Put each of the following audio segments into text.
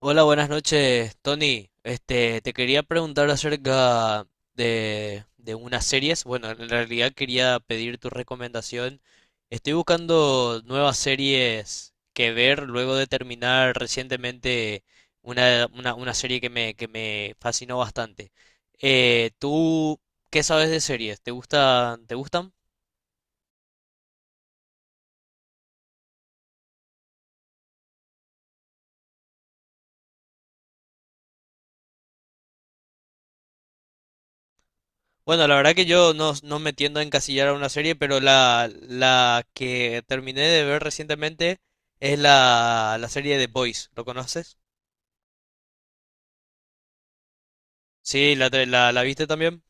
Hola, buenas noches, Tony. Te quería preguntar acerca de unas series. Bueno, en realidad quería pedir tu recomendación. Estoy buscando nuevas series que ver luego de terminar recientemente una serie que me fascinó bastante. ¿Tú qué sabes de series? ¿Te gusta, te gustan? Bueno, la verdad que yo no me tiendo a encasillar a una serie, pero la que terminé de ver recientemente es la serie de Boys. ¿Lo conoces? Sí, la viste también.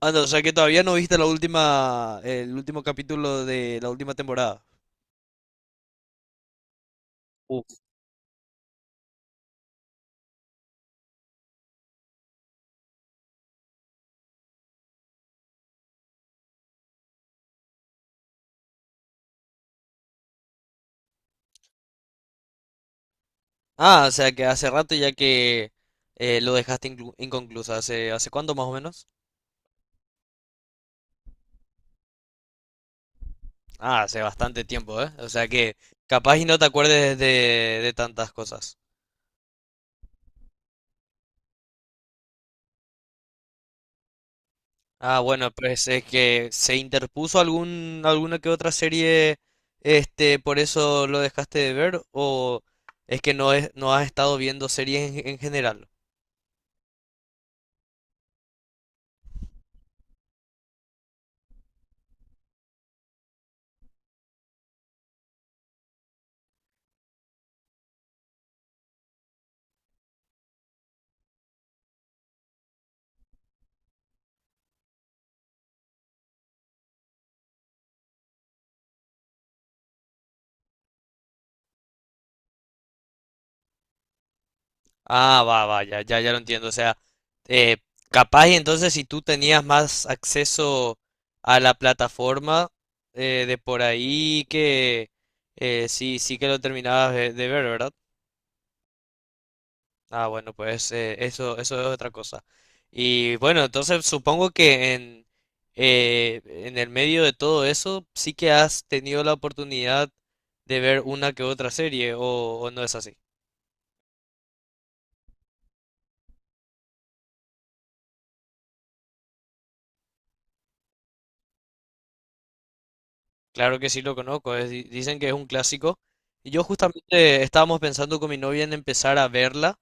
Ah, no, o sea que todavía no viste la última, el último capítulo de la última temporada. Uf. Ah, o sea que hace rato ya que lo dejaste inconcluso. ¿Hace, hace cuánto más o menos? Ah, hace bastante tiempo, ¿eh? O sea que capaz y no te acuerdes de tantas cosas. Ah, bueno, pues es que se interpuso alguna que otra serie, por eso lo dejaste de ver, o es que no has estado viendo series en general. Ah, va, va, ya, ya, ya lo entiendo. O sea, eh, capaz y entonces si tú tenías más acceso a la plataforma de por ahí que sí, sí que lo terminabas de ver, ¿verdad? Ah, bueno, pues eso, eso es otra cosa. Y bueno, entonces supongo que en el medio de todo eso sí que has tenido la oportunidad de ver una que otra serie, o no es así. Claro que sí lo conozco, es dicen que es un clásico. Y yo justamente estábamos pensando con mi novia en empezar a verla,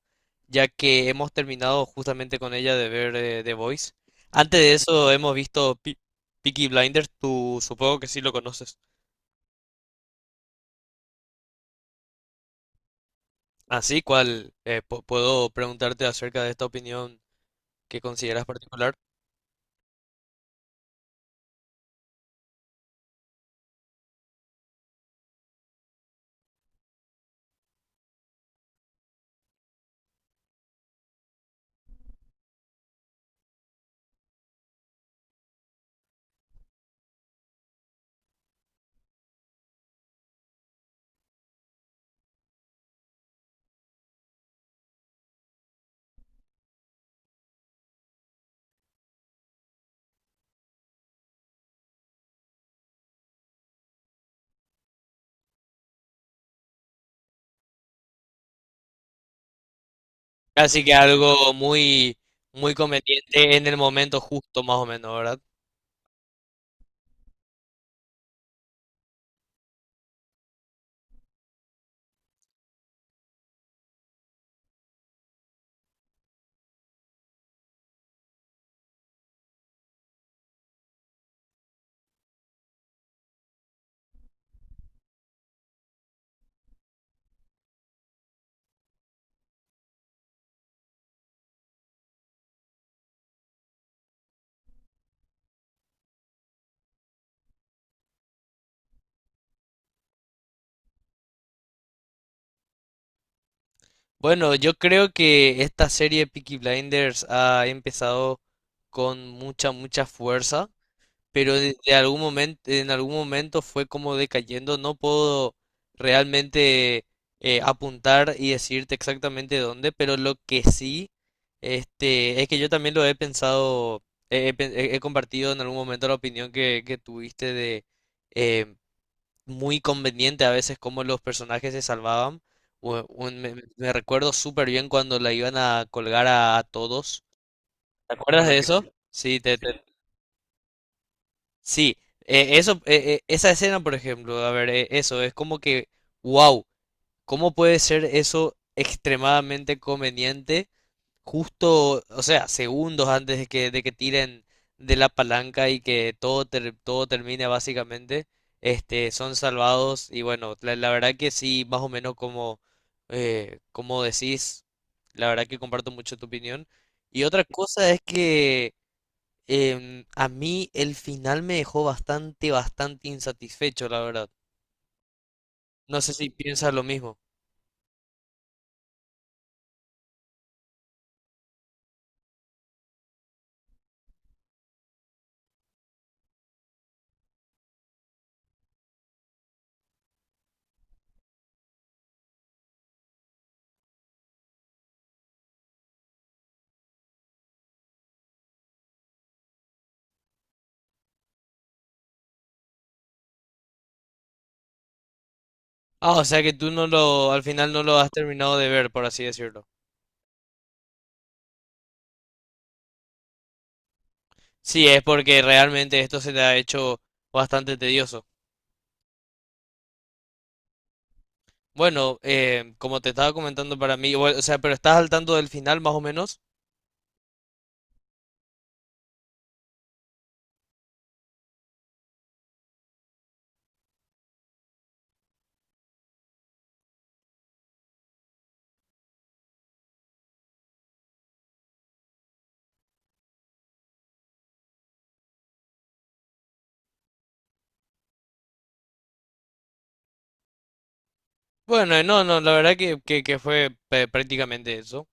ya que hemos terminado justamente con ella de ver The Voice. Antes de eso hemos visto Peaky Blinders, tú supongo que sí lo conoces. Así cual puedo preguntarte acerca de esta opinión que consideras particular. Así que algo muy, muy conveniente en el momento justo, más o menos, ¿verdad? Bueno, yo creo que esta serie Peaky Blinders ha empezado con mucha, mucha fuerza, pero de algún momento, en algún momento fue como decayendo. No puedo realmente apuntar y decirte exactamente dónde, pero lo que sí, es que yo también lo he pensado. He compartido en algún momento la opinión que tuviste de eh, muy conveniente a veces cómo los personajes se salvaban. Me recuerdo súper bien cuando la iban a colgar a todos. ¿Te acuerdas de eso? Sí, te. Sí, eso, esa escena, por ejemplo, a ver, eso, es como que, wow, ¿cómo puede ser eso extremadamente conveniente justo? O sea, segundos antes de de que tiren de la palanca y que todo termine básicamente, son salvados y bueno, la verdad que sí, más o menos como, como decís, la verdad que comparto mucho tu opinión. Y otra cosa es que a mí el final me dejó bastante, bastante insatisfecho, la verdad. No sé si piensas lo mismo. Ah, o sea que tú no lo, al final no lo has terminado de ver, por así decirlo. Sí, es porque realmente esto se te ha hecho bastante tedioso. Bueno, como te estaba comentando para mí, bueno, o sea, pero estás al tanto del final más o menos. Bueno, no, no, la verdad que fue prácticamente eso.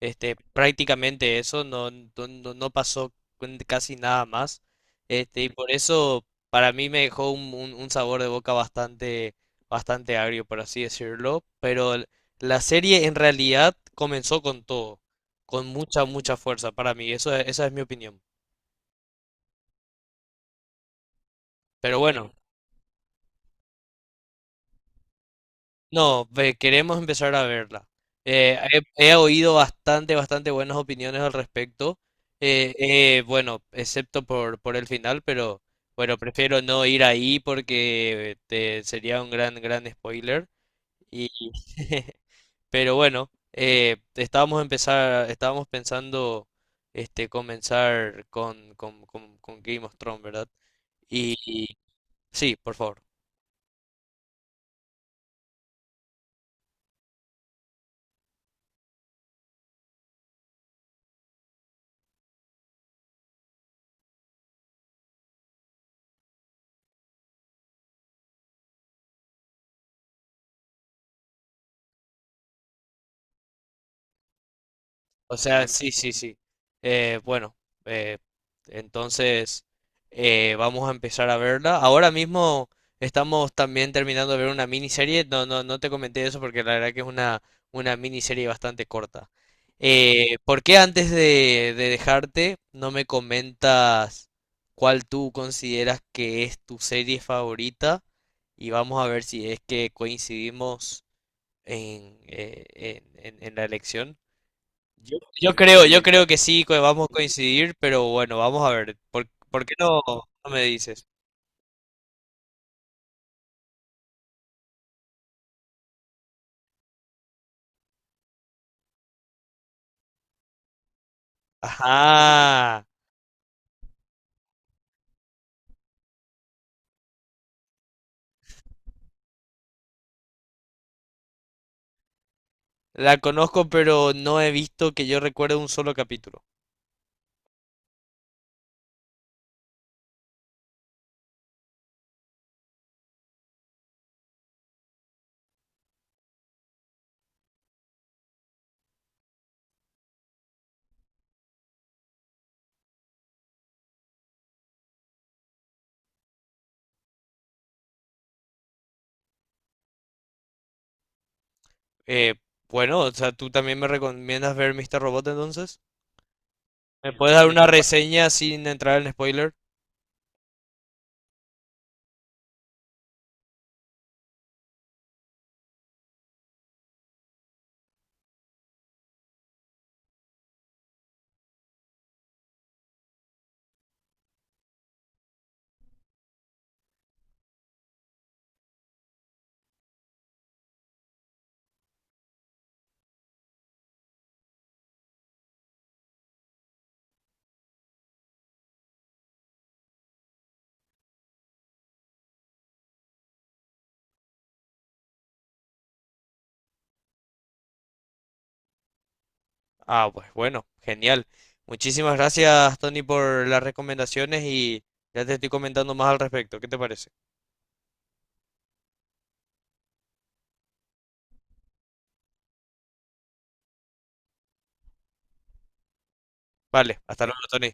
Prácticamente eso, no, no, no pasó con casi nada más. Y por eso para mí me dejó un sabor de boca bastante, bastante agrio, por así decirlo. Pero la serie en realidad comenzó con todo, con mucha, mucha fuerza para mí. Eso, esa es mi opinión. Pero bueno. No, queremos empezar a verla. Eh, he oído bastante, bastante buenas opiniones al respecto. Bueno, excepto por el final, pero bueno, prefiero no ir ahí porque sería un gran, gran spoiler. Y, pero bueno, estábamos pensando comenzar con Game of Thrones, ¿verdad? Y, y- sí, por favor. O sea, sí, sí, sí. Bueno, eh, entonces vamos a empezar a verla. Ahora mismo estamos también terminando de ver una miniserie. No, no, no te comenté eso porque la verdad que es una miniserie bastante corta. ¿Por qué antes de dejarte no me comentas cuál tú consideras que es tu serie favorita? Y vamos a ver si es que coincidimos en, eh, en la elección. Yo creo que sí, que vamos a coincidir, pero bueno, vamos a ver. Por qué no no me dices? Ajá, la conozco, pero no he visto que yo recuerde un solo capítulo. Eh, bueno, o sea, ¿tú también me recomiendas ver Mr. Robot entonces? ¿Me puedes dar una reseña sin entrar en spoiler? Ah, pues bueno, genial. Muchísimas gracias, Tony, por las recomendaciones y ya te estoy comentando más al respecto. ¿Qué te parece? Vale, hasta luego, Tony.